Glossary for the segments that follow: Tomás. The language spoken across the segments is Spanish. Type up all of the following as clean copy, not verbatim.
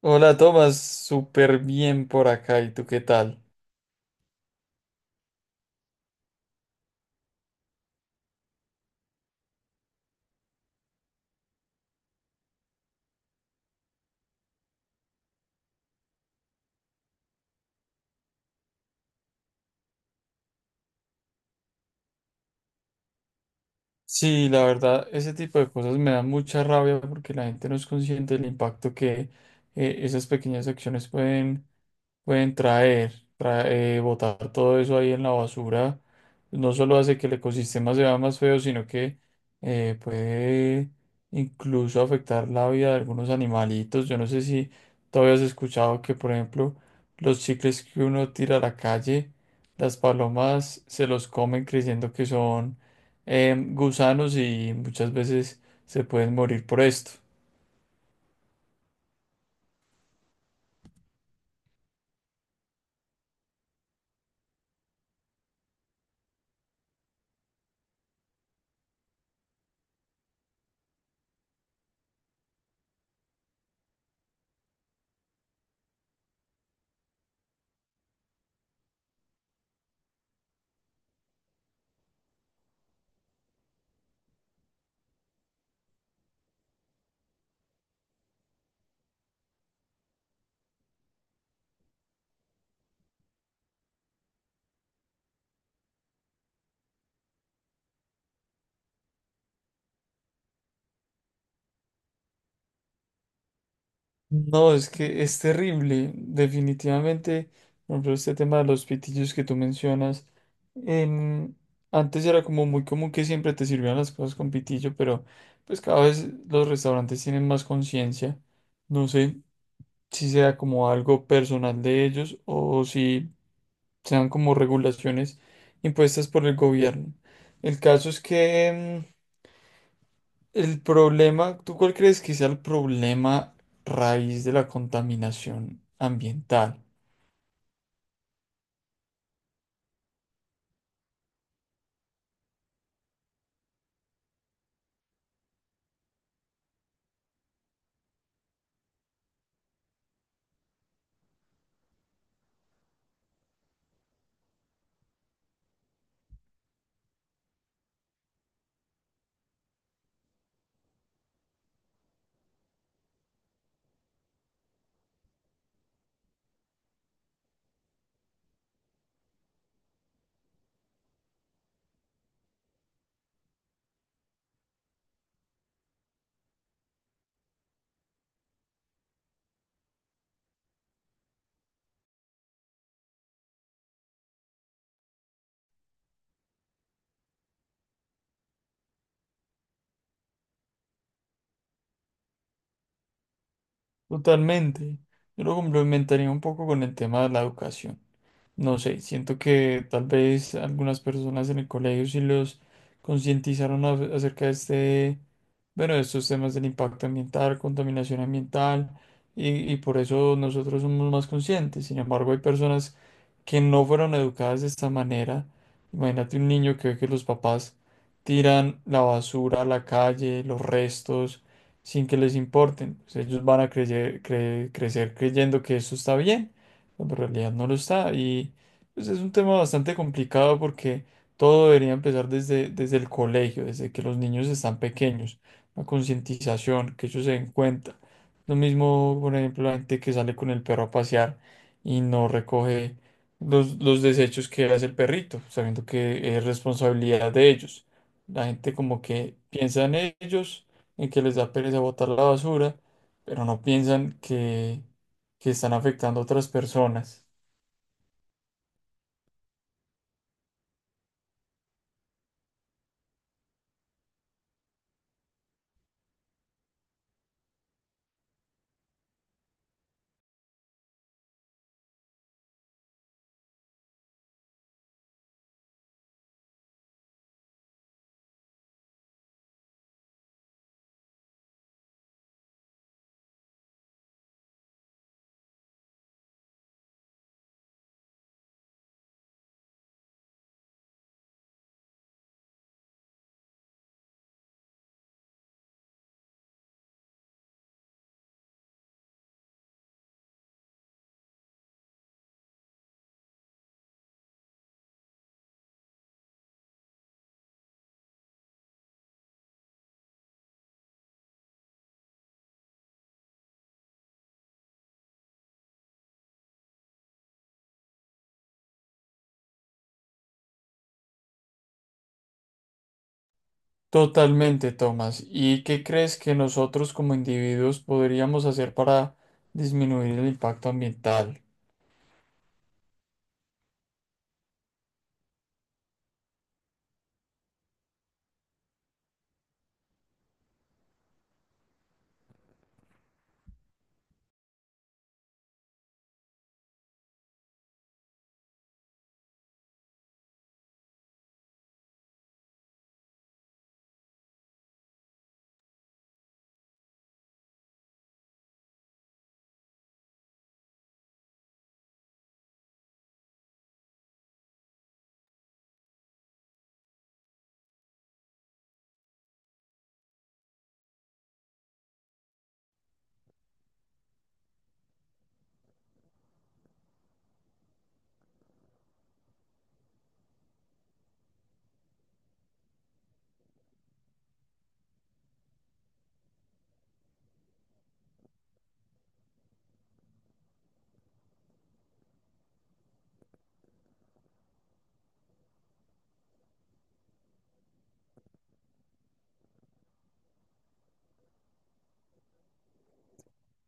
Hola, Tomás, súper bien por acá. ¿Y tú qué tal? Sí, la verdad, ese tipo de cosas me da mucha rabia porque la gente no es consciente del impacto que esas pequeñas acciones pueden botar todo eso ahí en la basura. No solo hace que el ecosistema se vea más feo, sino que puede incluso afectar la vida de algunos animalitos. Yo no sé si todavía has escuchado que, por ejemplo, los chicles que uno tira a la calle, las palomas se los comen creyendo que son gusanos, y muchas veces se pueden morir por esto. No, es que es terrible, definitivamente. Por ejemplo, este tema de los pitillos que tú mencionas. em, Antes era como muy común que siempre te sirvieran las cosas con pitillo, pero pues cada vez los restaurantes tienen más conciencia. No sé si sea como algo personal de ellos o si sean como regulaciones impuestas por el gobierno. El caso es que el problema, ¿tú cuál crees que sea el problema raíz de la contaminación ambiental? Totalmente. Yo lo complementaría un poco con el tema de la educación. No sé, siento que tal vez algunas personas en el colegio sí los acerca de este, bueno, de estos temas del impacto ambiental, contaminación ambiental, y por eso nosotros somos más conscientes. Sin embargo, hay personas que no fueron educadas de esta manera. Imagínate un niño que ve que los papás tiran la basura a la calle, los restos, sin que les importen. Pues ellos van a crecer creyendo que eso está bien cuando en realidad no lo está. Y pues, es un tema bastante complicado porque todo debería empezar desde el colegio, desde que los niños están pequeños, la concientización, que ellos se den cuenta. Lo mismo, por ejemplo, la gente que sale con el perro a pasear y no recoge los desechos que hace el perrito, sabiendo que es responsabilidad de ellos. La gente como que piensa en ellos, en que les da pereza botar la basura, pero no piensan que están afectando a otras personas. Totalmente, Tomás. ¿Y qué crees que nosotros como individuos podríamos hacer para disminuir el impacto ambiental?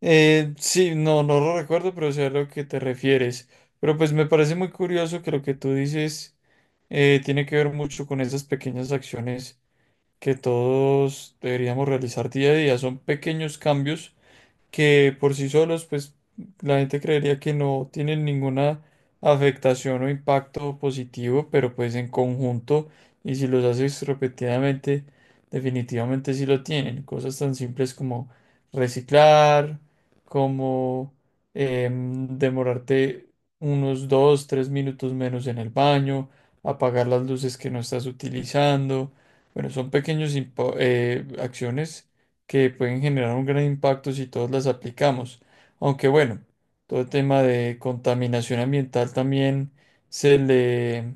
Sí, no, no lo recuerdo, pero sé a lo que te refieres. Pero pues me parece muy curioso que lo que tú dices tiene que ver mucho con esas pequeñas acciones que todos deberíamos realizar día a día. Son pequeños cambios que por sí solos, pues la gente creería que no tienen ninguna afectación o impacto positivo, pero pues en conjunto, y si los haces repetidamente, definitivamente sí lo tienen. Cosas tan simples como reciclar, como demorarte unos dos, tres minutos menos en el baño, apagar las luces que no estás utilizando. Bueno, son pequeñas acciones que pueden generar un gran impacto si todos las aplicamos. Aunque bueno, todo el tema de contaminación ambiental también se le,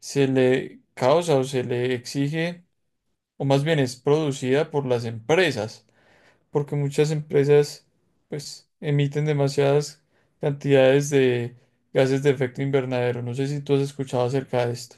se le causa o se le exige, o más bien es producida por las empresas, porque muchas empresas pues emiten demasiadas cantidades de gases de efecto invernadero. No sé si tú has escuchado acerca de esto.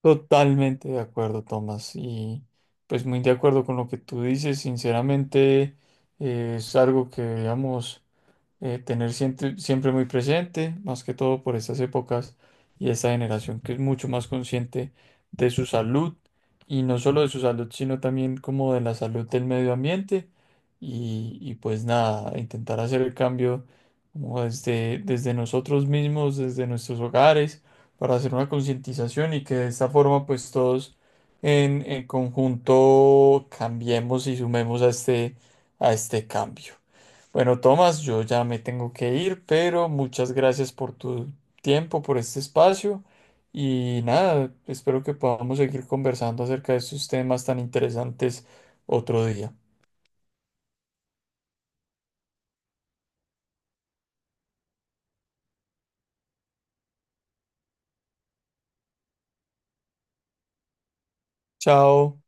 Totalmente de acuerdo, Tomás, y pues muy de acuerdo con lo que tú dices. Sinceramente, es algo que, digamos, tener siempre muy presente, más que todo por estas épocas y esta generación que es mucho más consciente de su salud y no solo de su salud, sino también como de la salud del medio ambiente y pues nada, intentar hacer el cambio como desde nosotros mismos, desde nuestros hogares, para hacer una concientización y que de esta forma pues todos en conjunto cambiemos y sumemos a a este cambio. Bueno, Tomás, yo ya me tengo que ir, pero muchas gracias por tu tiempo, por este espacio y nada, espero que podamos seguir conversando acerca de estos temas tan interesantes otro día. Chao.